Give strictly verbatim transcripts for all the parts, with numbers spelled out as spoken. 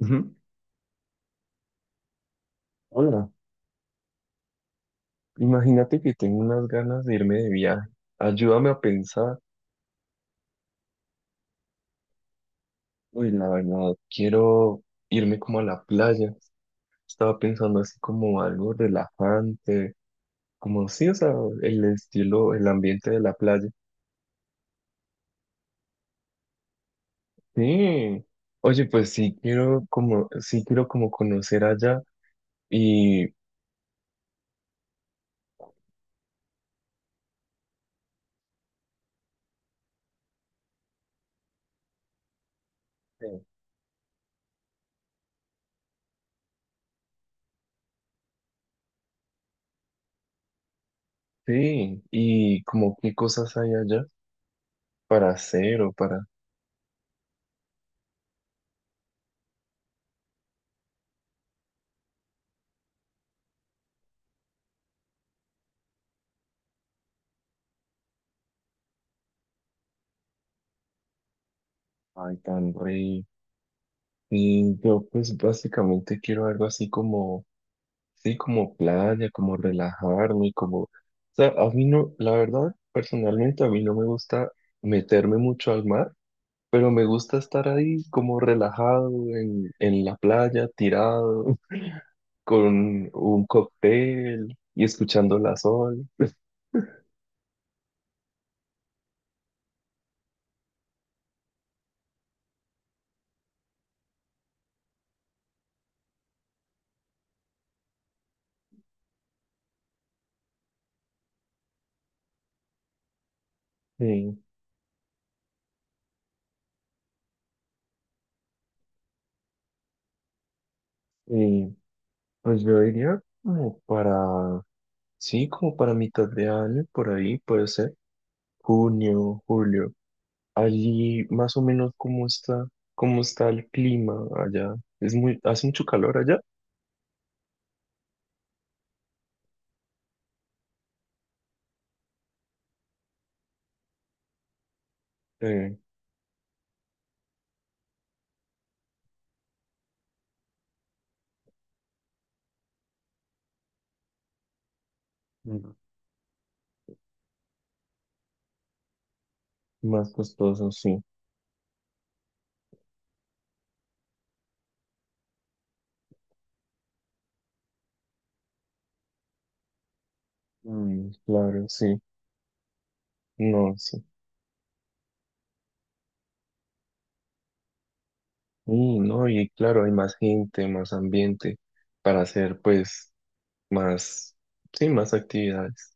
Ujú. Hola, imagínate que tengo unas ganas de irme de viaje. Ayúdame a pensar. Uy, la verdad, quiero irme como a la playa. Estaba pensando así como algo relajante, como sí, o sea, el estilo, el ambiente de la playa. Sí. Oye, pues sí quiero como, sí quiero como conocer allá y sí, sí, y como qué cosas hay allá para hacer o para. Ay, tan rico. Y yo pues básicamente quiero algo así como, sí, como playa, como relajarme, como, o sea, a mí no, la verdad, personalmente a mí no me gusta meterme mucho al mar, pero me gusta estar ahí como relajado en, en la playa, tirado, con un cóctel y escuchando la sol. Sí, y pues yo diría como para, sí, como para mitad de año, por ahí puede ser, junio, julio. Allí más o menos cómo está, cómo está el clima allá. Es muy, hace mucho calor allá. Eh, Mm. Más costoso, sí. Mm, claro, sí. No, sí. Mm, no, y claro, hay más gente, más ambiente para hacer pues más, sí, más actividades.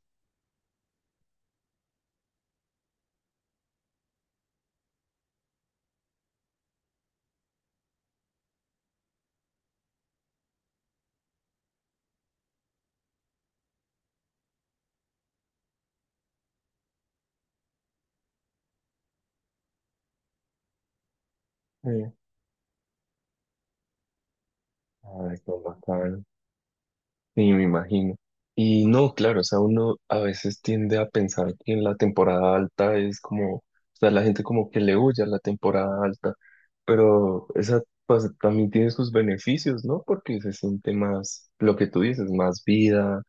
Eh, Ay, qué bacano. Sí, me imagino. Y no, claro, o sea, uno a veces tiende a pensar que en la temporada alta es como, o sea, la gente como que le huye a la temporada alta, pero esa pues, también tiene sus beneficios, ¿no? Porque se siente más, lo que tú dices, más vida,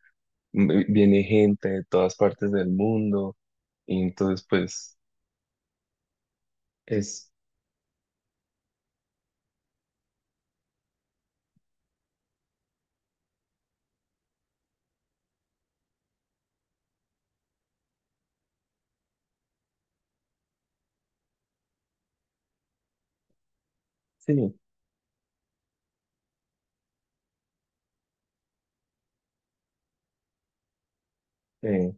m- viene gente de todas partes del mundo, y entonces pues es, sí, eh,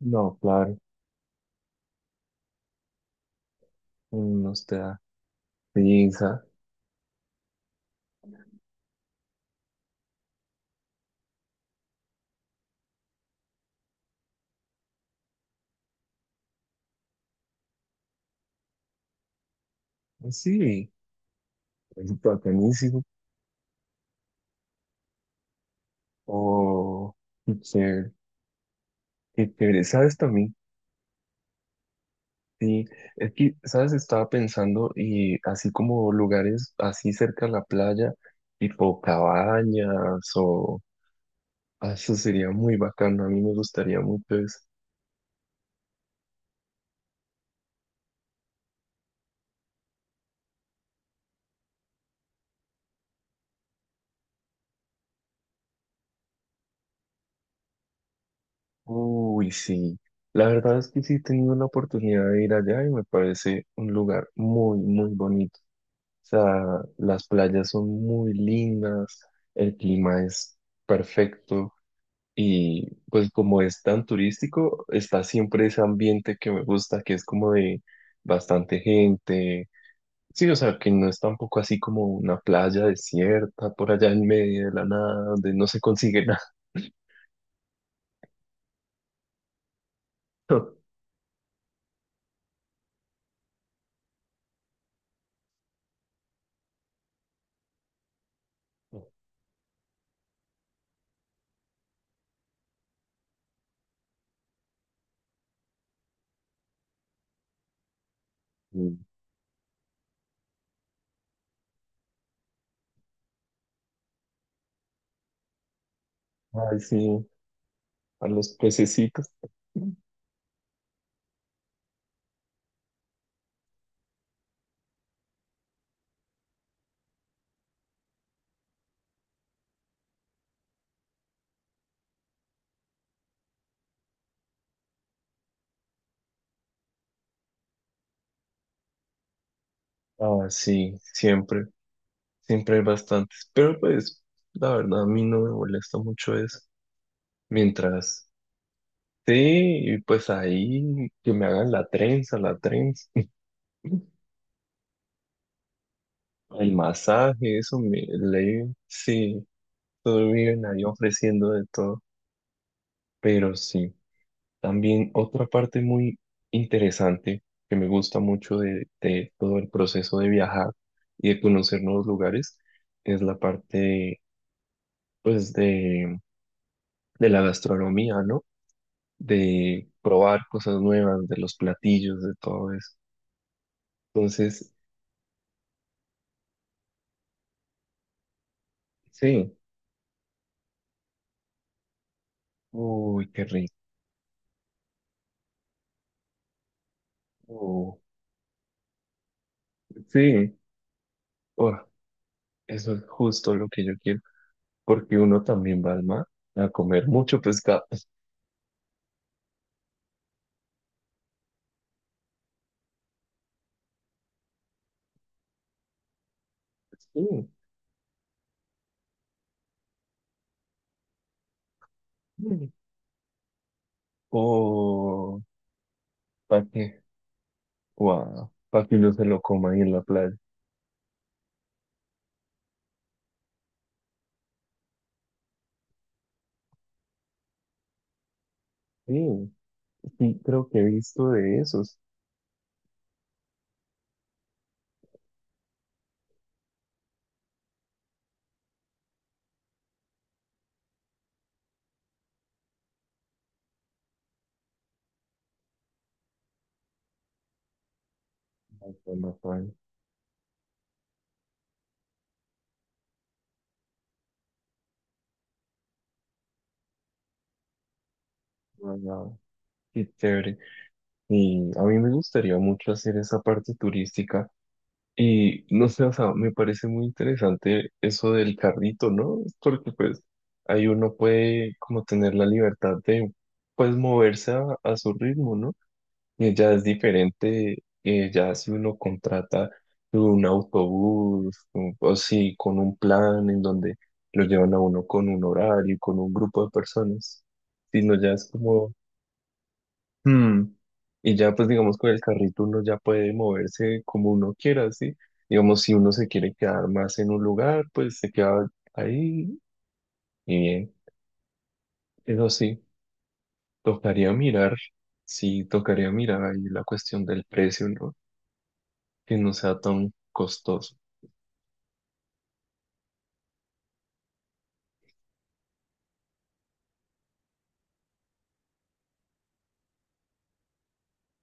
no, claro, uno te da risa, sí, es bacanísimo, o... chévere. Qué chévere. ¿Sabes también? Sí, es que, ¿sabes? Estaba pensando y así como lugares así cerca a la playa, tipo cabañas o... ah, eso sería muy bacano, a mí me gustaría mucho eso. Uy, sí. La verdad es que sí he tenido la oportunidad de ir allá y me parece un lugar muy, muy bonito. O sea, las playas son muy lindas, el clima es perfecto. Y pues como es tan turístico, está siempre ese ambiente que me gusta, que es como de bastante gente. Sí, o sea, que no es tampoco así como una playa desierta por allá en medio de la nada, donde no se consigue nada. Mm. Ay, sí, a los pececitos. Ah, sí, siempre, siempre hay bastantes. Pero pues, la verdad, a mí no me molesta mucho eso. Mientras, sí, y pues ahí que me hagan la trenza, la trenza. El masaje, eso me leí, sí, todo viven ahí ofreciendo de todo, pero sí. También otra parte muy interesante que me gusta mucho de, de todo el proceso de viajar y de conocer nuevos lugares es la parte, pues, de, de la gastronomía, ¿no? De probar cosas nuevas, de los platillos, de todo eso. Entonces, sí, uy, qué rico, sí, oh, eso es justo lo que yo quiero. Porque uno también va al mar a comer mucho pescado. Sí. O para que, wow, para que uno se lo coma ahí en la playa. Sí, sí, creo que he visto de esos. Ay, qué más. Wow, qué chévere. Y a mí me gustaría mucho hacer esa parte turística. Y no sé, o sea, me parece muy interesante eso del carrito, ¿no? Porque pues ahí uno puede como tener la libertad de pues moverse a, a su ritmo, ¿no? Eh, Ya es diferente, eh, ya si uno contrata un autobús un- o si con un plan en donde lo llevan a uno con un horario, con un grupo de personas, sino ya es como, hmm, y ya pues digamos con el carrito uno ya puede moverse como uno quiera, ¿sí? Digamos, si uno se quiere quedar más en un lugar, pues se queda ahí y bien. Eso sí, tocaría mirar, sí, tocaría mirar ahí la cuestión del precio, ¿no? Que no sea tan costoso.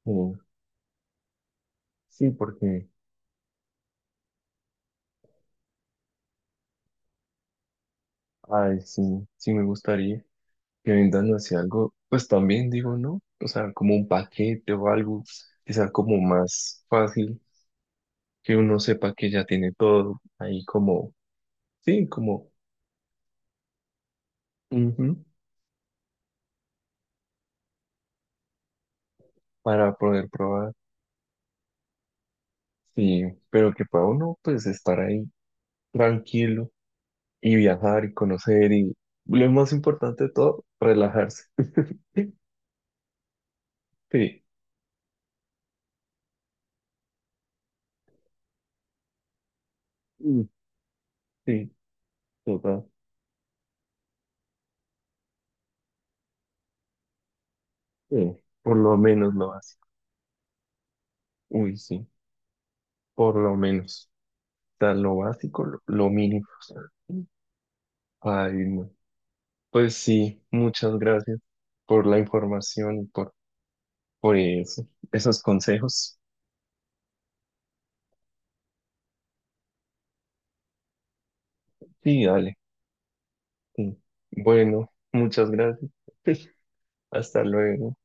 Eh, sí, porque, ay, sí, sí me gustaría que vendan así algo, pues también digo, ¿no? O sea, como un paquete o algo que sea como más fácil, que uno sepa que ya tiene todo ahí como, sí, como, ujú, para poder probar. Sí, pero que para uno, pues, estar ahí tranquilo y viajar y conocer y, lo más importante de todo, relajarse. Sí, Mm. Sí, total. Sí, por lo menos lo básico. Uy, sí, por lo menos. O sea, lo básico, lo, lo mínimo. Ay, no. Pues sí, muchas gracias por la información y por, por eso, esos consejos. Sí, dale. Sí. Bueno, muchas gracias. Hasta luego.